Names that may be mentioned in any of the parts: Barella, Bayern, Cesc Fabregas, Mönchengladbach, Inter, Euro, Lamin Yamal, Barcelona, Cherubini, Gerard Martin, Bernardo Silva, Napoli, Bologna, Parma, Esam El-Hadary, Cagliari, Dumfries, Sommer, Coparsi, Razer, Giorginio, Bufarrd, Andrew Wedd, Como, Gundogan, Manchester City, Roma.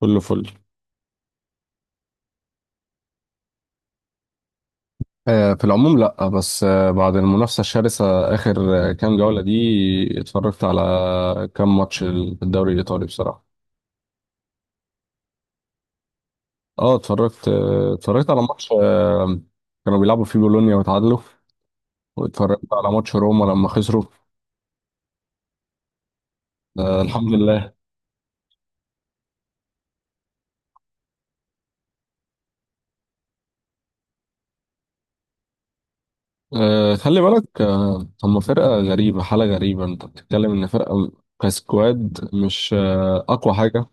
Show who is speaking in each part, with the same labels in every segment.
Speaker 1: كله فل. في العموم لا، بس بعد المنافسة الشرسة آخر كام جولة دي اتفرجت على كام ماتش في الدوري الإيطالي بصراحة. اه، اتفرجت على ماتش كانوا بيلعبوا فيه بولونيا وتعادلوا. واتفرجت على ماتش روما لما خسروا. الحمد لله. خلي بالك، هم فرقة غريبة، حالة غريبة. انت بتتكلم ان فرقة كسكواد مش أقوى حاجة.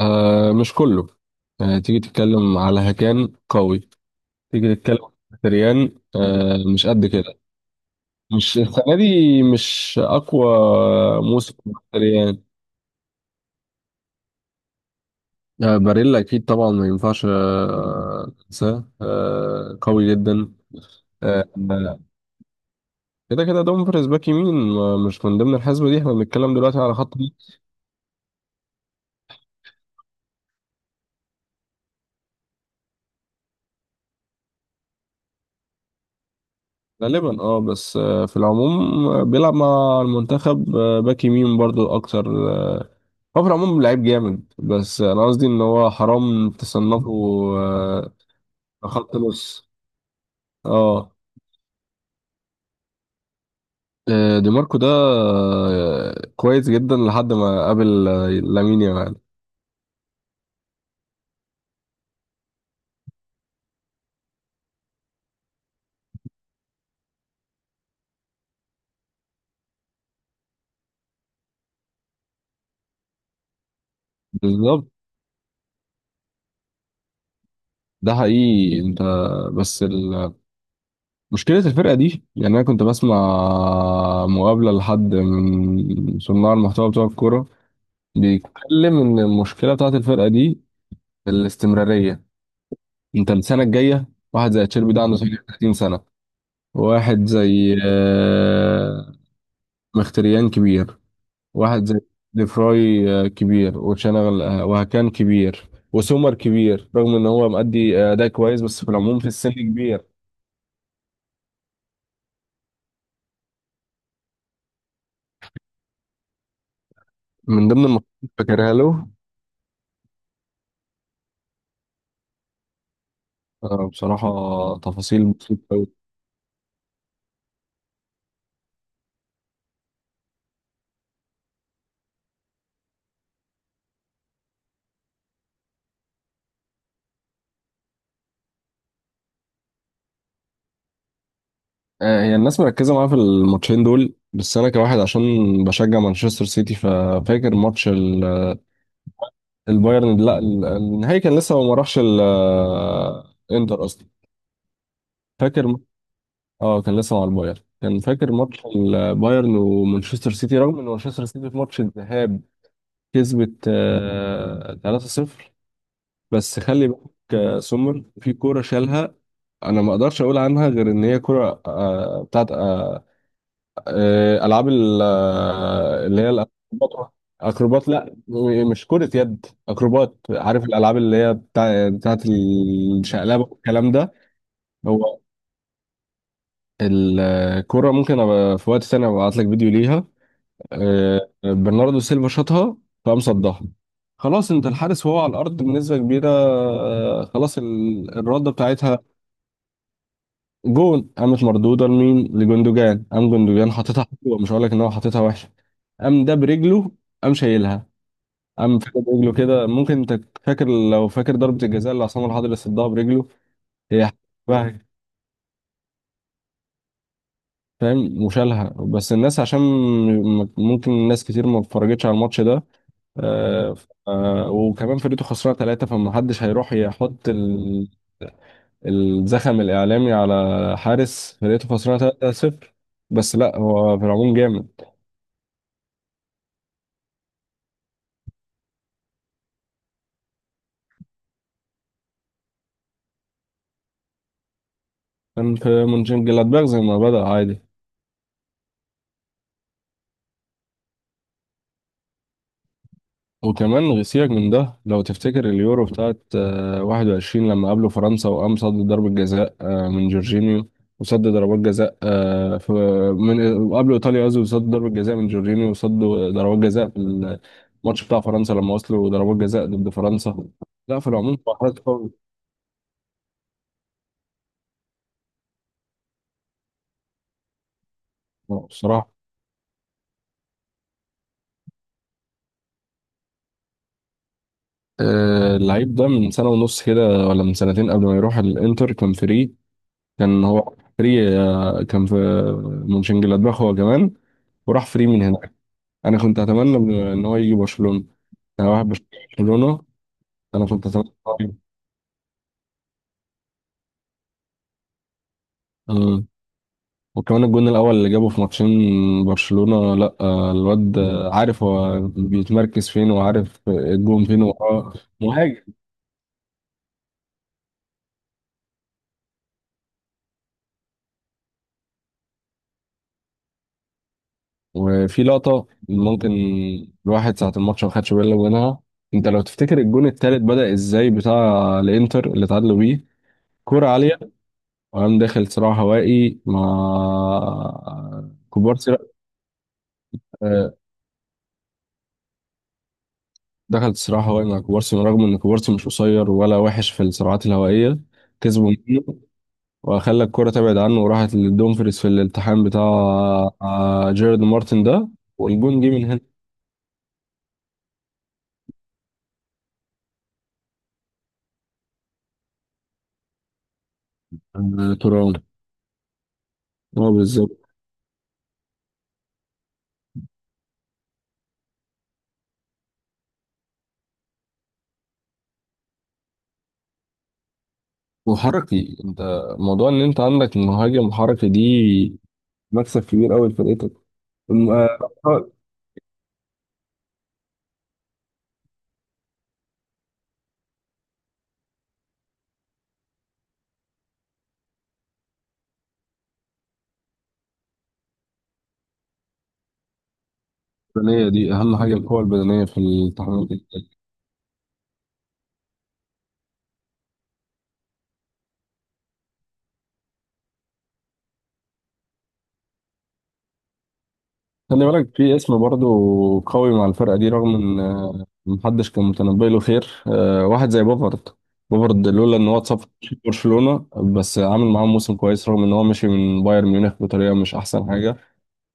Speaker 1: مش كله. تيجي تتكلم على هكان قوي. تيجي نتكلم عن مختريان، مش قد كده. مش السنة دي، مش أقوى موسم مختريان. باريلا أكيد طبعا، ما ينفعش أنساه، قوي جدا. آه، آه، كده كده دومفريز باك يمين، مش من ضمن الحسبة دي. احنا بنتكلم دلوقتي على خط الوسط غالبا. اه، بس في العموم، بيلعب مع المنتخب باك يمين برضو أكتر. هو في العموم لعيب جامد، بس أنا قصدي إن هو حرام تصنفه. آه خط نص. اه. دي ماركو ده كويس جدا لحد ما قابل لامين يامال. بالظبط، ده حقيقي انت. بس ال... مشكلة الفرقة دي، يعني انا كنت بسمع مقابلة لحد من صناع المحتوى بتوع الكورة، بيتكلم ان المشكلة بتاعت الفرقة دي الاستمرارية. انت السنة الجاية، واحد زي تشيربي ده عنده 30 سنة، واحد زي مختريان كبير، واحد زي ديفراي كبير، وشنغل وهكان كبير، وسومر كبير رغم ان هو مأدي اداء كويس، بس في العموم في السن كبير. من ضمن الماتشات اللي فاكرها له بصراحة، تفاصيل بسيطة أوي. هي الناس مركزة معاه في الماتشين دول، بس أنا كواحد عشان بشجع مانشستر سيتي ففاكر البايرن. لا، النهائي كان لسه ما راحش الإنتر أصلا. فاكر، اه، كان لسه مع البايرن. كان فاكر ماتش البايرن ومانشستر سيتي، رغم ان مانشستر سيتي في ماتش الذهاب كسبت 3-0. بس خلي بالك، سومر في كورة شالها. انا ما اقدرش اقول عنها غير ان هي كورة بتاعت العاب اللي هي الاكروبات. اكروبات، لا، مش كرة يد، اكروبات. عارف الالعاب اللي هي بتاعت الشقلبة والكلام ده. هو الكرة، ممكن أبقى في وقت تاني أبعت لك فيديو ليها. برناردو سيلفا شاطها، فقام صدها. خلاص، انت الحارس وهو على الارض بنسبه كبيره، خلاص الرده بتاعتها جون قامت مردوده لمين؟ لجوندوجان. قام جوندوجان حاططها حلوه، مش هقول لك ان هو حاططها وحشه. قام ده برجله، قام شايلها، قام، فاكر برجله كده؟ ممكن انت فاكر، لو فاكر ضربه الجزاء اللي عصام الحضري صدها برجله. هي شبه- فاهم، وشالها. بس الناس عشان ممكن ناس كتير ما اتفرجتش على الماتش ده، وكمان فرقته خسرانه ثلاثه، فمحدش هيروح يحط الزخم الاعلامي على حارس فرقته خسرانه 3-0. بس لا، هو في العموم جامد. كان في مونشن جلادباخ زي ما بدأ عادي. وكمان سيبك من ده، لو تفتكر اليورو بتاعت 21 لما قابلوا فرنسا، وقام صد ضربة جزاء من جورجينيو، وصد ضربات جزاء آه، في من وقابلوا ايطاليا قصدي، وصد ضربة جزاء من جورجينيو، وصد ضربات جزاء في الماتش بتاع فرنسا لما وصلوا ضربات جزاء ضد فرنسا. لا، في العموم حركات قوي. بصراحة، اللعيب ده من سنة ونص كده، ولا من سنتين قبل ما يروح الانتر كان فري. كان هو فري، كان في مونشنجلادباخ هو كمان، وراح فري من هنا. انا كنت اتمنى ان هو يجي برشلونه. انا واحد برشلونه، انا كنت اتمنى إن هو يجي. آه. وكمان الجون الاول اللي جابه في ماتشين برشلونه، لا، الواد عارف هو بيتمركز فين وعارف الجون فين، وهو مهاجم. وفي لقطه، ممكن الواحد ساعه الماتش ما خدش باله منها، انت لو تفتكر الجون التالت بدأ ازاي، بتاع الانتر اللي اتعادلوا بيه. كرة عالية، وقام داخل صراع هوائي مع كوبارسي. آه، دخلت صراع هوائي مع كوبارسي، رغم ان كوبارسي مش قصير ولا وحش في الصراعات الهوائيه. كسبوا منه، وخلى الكره تبعد عنه، وراحت لدومفريز في الالتحام بتاع جيرارد مارتن ده، والجون جه من هنا. ترام، هو بالظبط. وحركي، انت موضوع ان انت عندك مهاجم حركي دي، مكسب كبير قوي لفرقتك. القوة البدنيه دي اهم حاجه، القوه البدنيه في التحامات. خلي بالك في اسم برضه قوي مع الفرقة دي، رغم ان محدش كان متنبي له خير، واحد زي بوفارد. بوفارد لولا ان هو اتصاب في برشلونة، بس عامل معاهم موسم كويس، رغم ان هو مشي من بايرن ميونخ بطريقة مش احسن حاجة.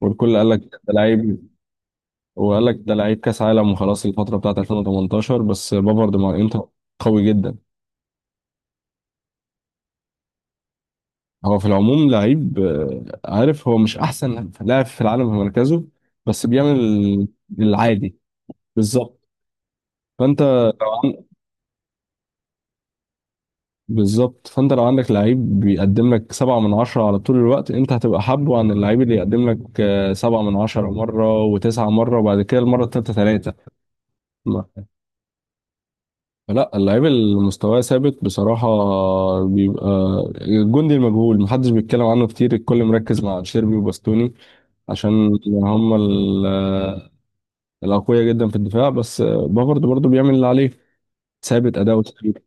Speaker 1: والكل قال لك ده لعيب، وقال لك ده لعيب كاس عالم، وخلاص الفترة بتاعت 2018، بس بوفارد مع الانتر قوي جدا. هو في العموم لعيب، عارف هو مش احسن لاعب في العالم في مركزه، بس بيعمل العادي. بالظبط. فانت فانت لو عندك لعيب بيقدم لك سبعة من عشرة على طول الوقت، انت هتبقى حابه عن اللعيب اللي يقدم لك سبعة من عشرة مرة، وتسعة مرة، وبعد كده المرة التالتة تلاتة. ما- لا، اللعيب اللي مستواه ثابت بصراحة بيبقى الجندي المجهول، محدش بيتكلم عنه كتير، الكل مركز مع شيربي وباستوني، عشان هم الأقوياء جدا في الدفاع، بس بافارد برضه بيعمل اللي عليه، ثابت أداؤه كتير.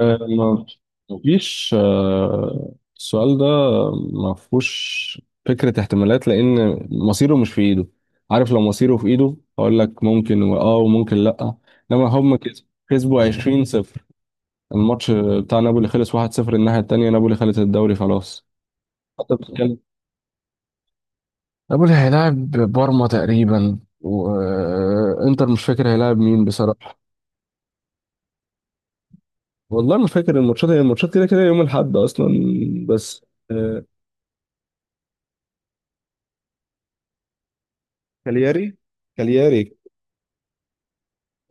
Speaker 1: ما فيش، السؤال ده ما فيهوش فكرة احتمالات، لأن مصيره مش في إيده. عارف، لو مصيره في إيده أقول لك ممكن، وممكن لأ. إنما هم كسبوا، 20 صفر، الماتش بتاع نابولي خلص 1-0. الناحية التانية، نابولي خلص الدوري خلاص. حتى بتتكلم، نابولي هيلاعب بارما تقريبا، وإنتر مش فاكر هيلاعب مين بصراحة. والله ما فاكر الماتشات، هي الماتشات كده كده يوم الأحد أصلا. بس آه، كالياري، كالياري،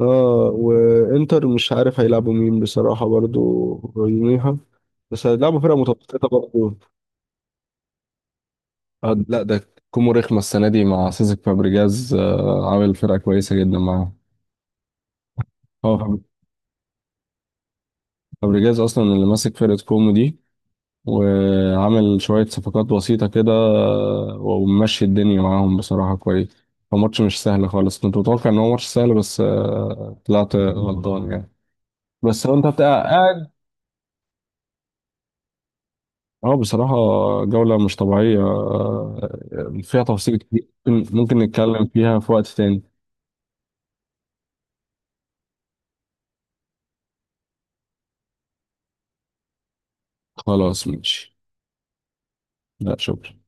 Speaker 1: اه وانتر مش عارف هيلعبوا مين بصراحة برضو يوميها، بس هيلعبوا فرقة متوسطة برضو. لا، ده كومو رخمة السنة دي مع سيسك فابريجاز، عامل فرقة كويسة جدا معاه. هو فابريجاز أصلا اللي ماسك فرقة كومو دي، وعامل شوية صفقات بسيطة كده، وممشي الدنيا معاهم بصراحة كويس. هو ماتش مش سهل خالص، كنت متوقع إن هو ماتش سهل، بس طلعت غلطان يعني. بس هو أنت بتبقى، اه، بصراحة جولة مش طبيعية، فيها تفاصيل كتير، ممكن نتكلم فيها في وقت تاني. خلاص، ماشي. لا، شكرا.